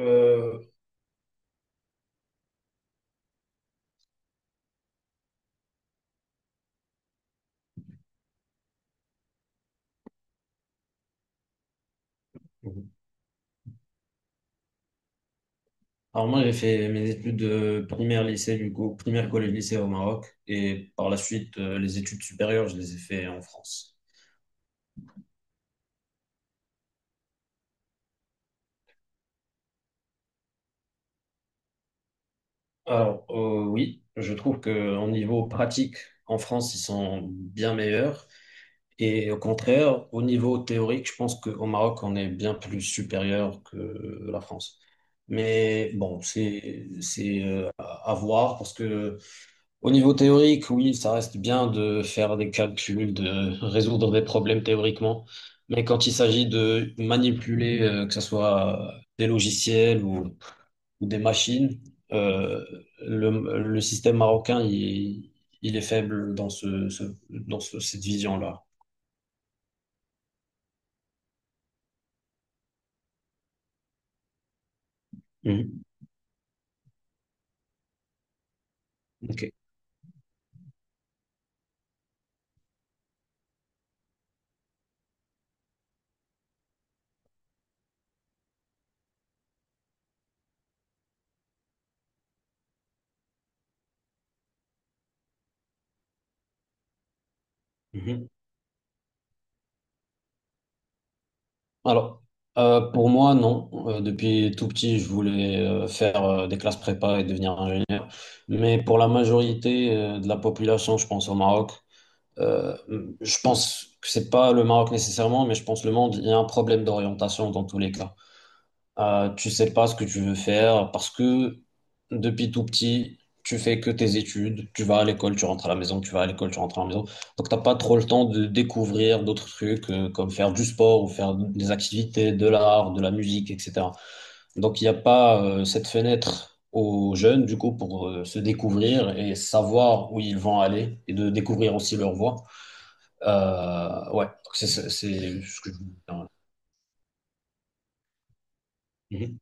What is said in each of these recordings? Euh, alors, moi, j'ai fait mes études du coup, primaire, collège, lycée au Maroc. Et par la suite, les études supérieures, je les ai fait en France. Alors, oui, je trouve que au niveau pratique, en France, ils sont bien meilleurs. Et au contraire, au niveau théorique, je pense qu'au Maroc, on est bien plus supérieur que la France. Mais bon, c'est à voir parce que. Au niveau théorique, oui, ça reste bien de faire des calculs, de résoudre des problèmes théoriquement, mais quand il s'agit de manipuler, que ce soit des logiciels ou des machines, euh, le système marocain, il est faible dans cette vision-là. Mhm. Ok. Mhm. Alors, pour moi, non. Depuis tout petit, je voulais faire des classes prépa et devenir ingénieur. Mais pour la majorité de la population, je pense au Maroc. euh, je pense que c'est pas le Maroc nécessairement, mais je pense le monde, il y a un problème d'orientation dans tous les cas. Tu sais pas ce que tu veux faire parce que depuis tout petit, tu fais que tes études, tu vas à l'école, tu rentres à la maison, tu vas à l'école, tu rentres à la maison. Donc t'as pas trop le temps de découvrir d'autres trucs comme faire du sport ou faire des activités, de l'art, de la musique, etc. Donc il n'y a pas cette fenêtre aux jeunes du coup pour se découvrir et savoir où ils vont aller et de découvrir aussi leur voie. Ouais, donc c'est ce que je voulais dire.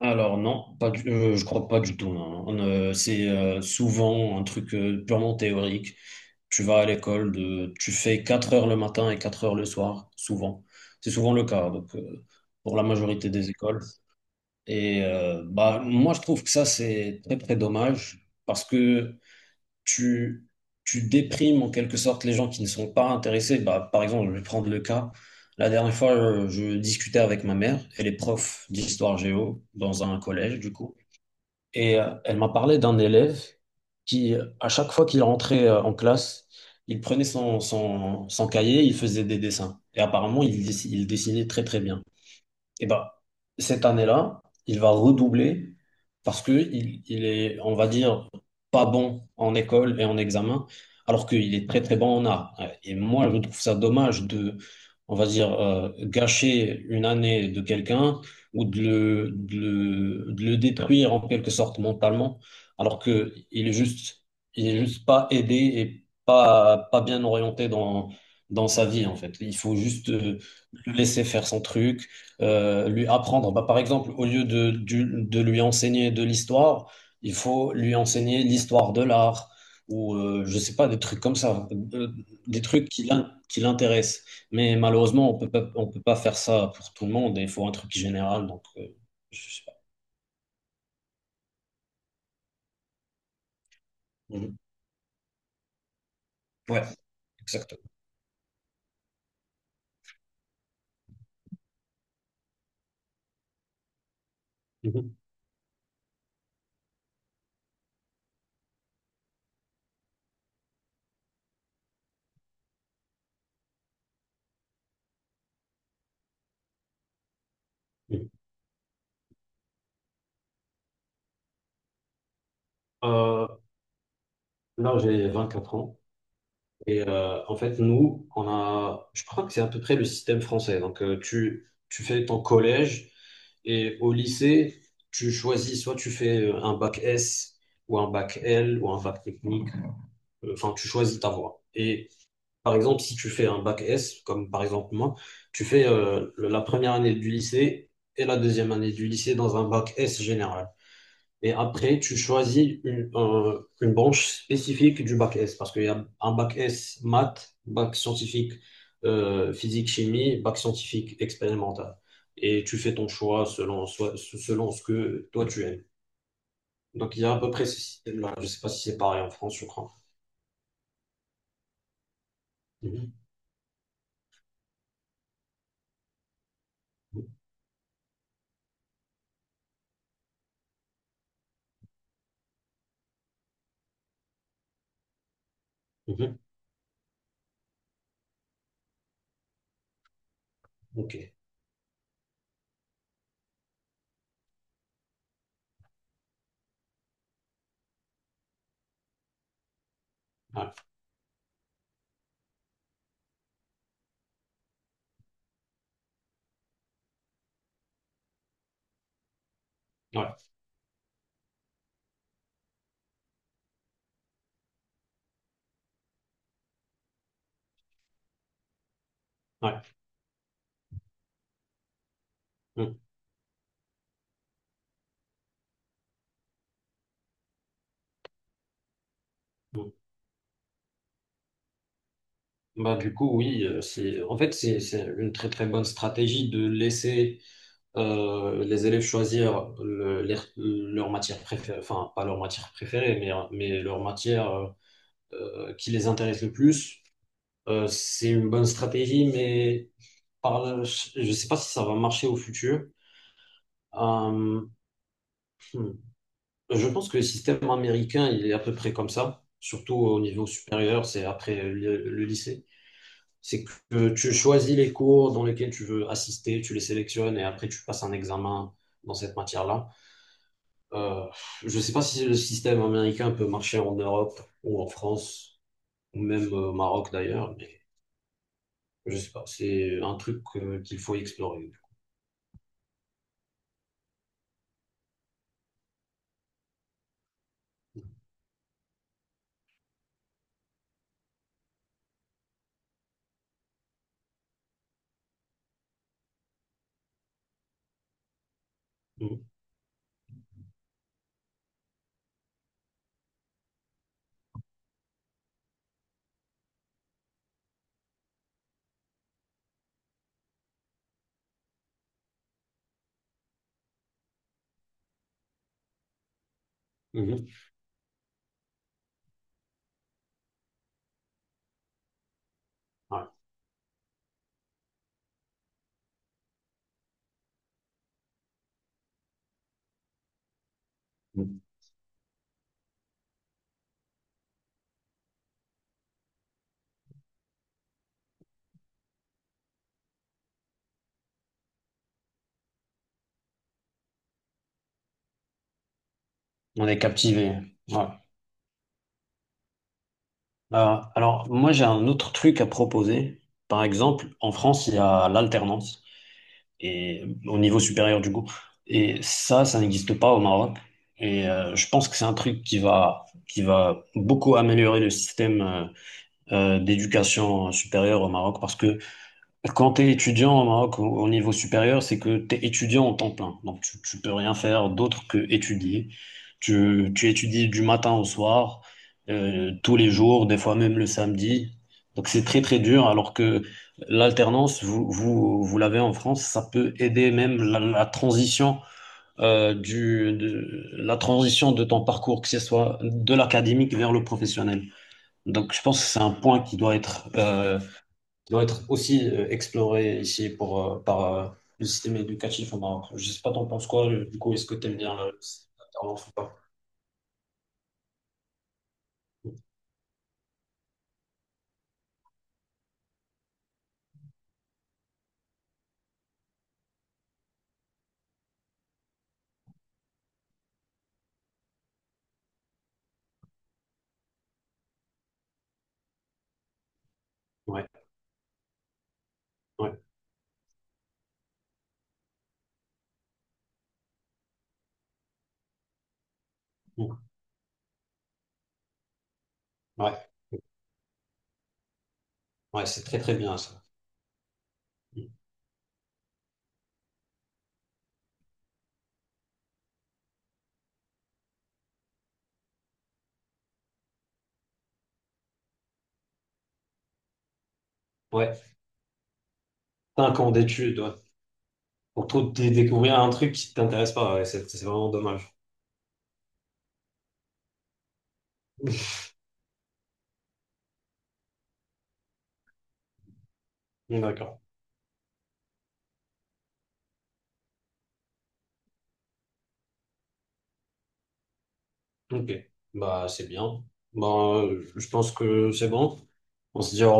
Alors non, pas du, je crois pas du tout. Non. C'est souvent un truc purement théorique. Tu vas à l'école, tu fais 4 heures le matin et 4 heures le soir, souvent. C'est souvent le cas donc, pour la majorité des écoles. Et bah, moi, je trouve que ça, c'est très, très dommage parce que tu, tu déprimes en quelque sorte les gens qui ne sont pas intéressés. Bah, par exemple, je vais prendre le cas. La dernière fois, je discutais avec ma mère, elle est prof d'histoire géo dans un collège, du coup. Et elle m'a parlé d'un élève qui, à chaque fois qu'il rentrait en classe, il prenait son cahier, il faisait des dessins. Et apparemment, il dessinait très très bien. Et ben, cette année-là, il va redoubler parce que il est, on va dire, pas bon en école et en examen, alors qu'il est très très bon en art. Et moi, je trouve ça dommage de, on va dire, gâcher une année de quelqu'un ou de le détruire en quelque sorte mentalement, alors que il est juste pas aidé et pas bien orienté dans sa vie, en fait. Il faut juste le laisser faire son truc lui apprendre. Bah, par exemple, au lieu de lui enseigner de l'histoire, il faut lui enseigner l'histoire de l'art ou je sais pas, des trucs comme ça, euh, des trucs qui l'intéressent. Mais malheureusement, on peut pas faire ça pour tout le monde et il faut un truc général. Donc, je sais pas. Mhm. Ouais, exactement. Mhm. Mhm. Euh, Là, j'ai 24 ans. Et en fait, nous, on a, je crois que c'est à peu près le système français. Donc, tu fais ton collège et au lycée, tu choisis soit tu fais un bac S ou un bac L ou un bac technique. Enfin, tu choisis ta voie. Et par exemple, si tu fais un bac S, comme par exemple moi, tu fais la première année du lycée et la deuxième année du lycée dans un bac S général. Et après, tu choisis une branche spécifique du bac S, parce qu'il y a un bac S maths, bac scientifique physique chimie, bac scientifique expérimental. Et tu fais ton choix selon ce que toi tu aimes. Donc il y a à peu près ce système-là. Je ne sais pas si c'est pareil en France, je crois. Mhm. Mhm. Ok. Ouais. Ouais. Ouais. Mhm. Bah, du coup, oui, en fait, c'est une très très bonne stratégie de laisser les élèves choisir leur matière préférée, enfin pas leur matière préférée, mais leur matière qui les intéresse le plus. C'est une bonne stratégie, mais je ne sais pas si ça va marcher au futur. Euh, hmm. Je pense que le système américain, il est à peu près comme ça, surtout au niveau supérieur, c'est après le lycée. C'est que tu choisis les cours dans lesquels tu veux assister, tu les sélectionnes et après tu passes un examen dans cette matière-là. Euh, je ne sais pas si le système américain peut marcher en Europe ou en France, ou même au Maroc d'ailleurs, mais je sais pas. C'est un truc qu'il faut explorer. Mhm. Mhm. Ouais. On est captivé, hein. Ouais. Alors, moi, j'ai un autre truc à proposer. Par exemple, en France, il y a l'alternance. Et au niveau supérieur du coup. Et ça n'existe pas au Maroc. Et je pense que c'est un truc qui va beaucoup améliorer le système d'éducation supérieure au Maroc parce que quand tu es étudiant au Maroc au niveau supérieur, c'est que tu es étudiant en temps plein. Donc tu peux rien faire d'autre que étudier. Tu étudies du matin au soir, tous les jours, des fois même le samedi. Donc c'est très très dur, alors que l'alternance, vous l'avez en France, ça peut aider même la transition la transition de ton parcours, que ce soit de l'académique vers le professionnel. Donc je pense que c'est un point qui doit être aussi exploré ici par le système éducatif au Maroc. Je sais pas, t'en penses quoi, du coup, est-ce que t'aimes bien le système d'alternance ou pas? Ouais, ouais, mm, ouais, ouais, c'est très très bien ça. Mm. Ouais, 5 ans d'études, ouais. Pour tout découvrir un truc qui t'intéresse pas, ouais, c'est vraiment dommage. Mm, d'accord, ok, bah c'est bien. Bah, je pense que c'est bon. On se dit au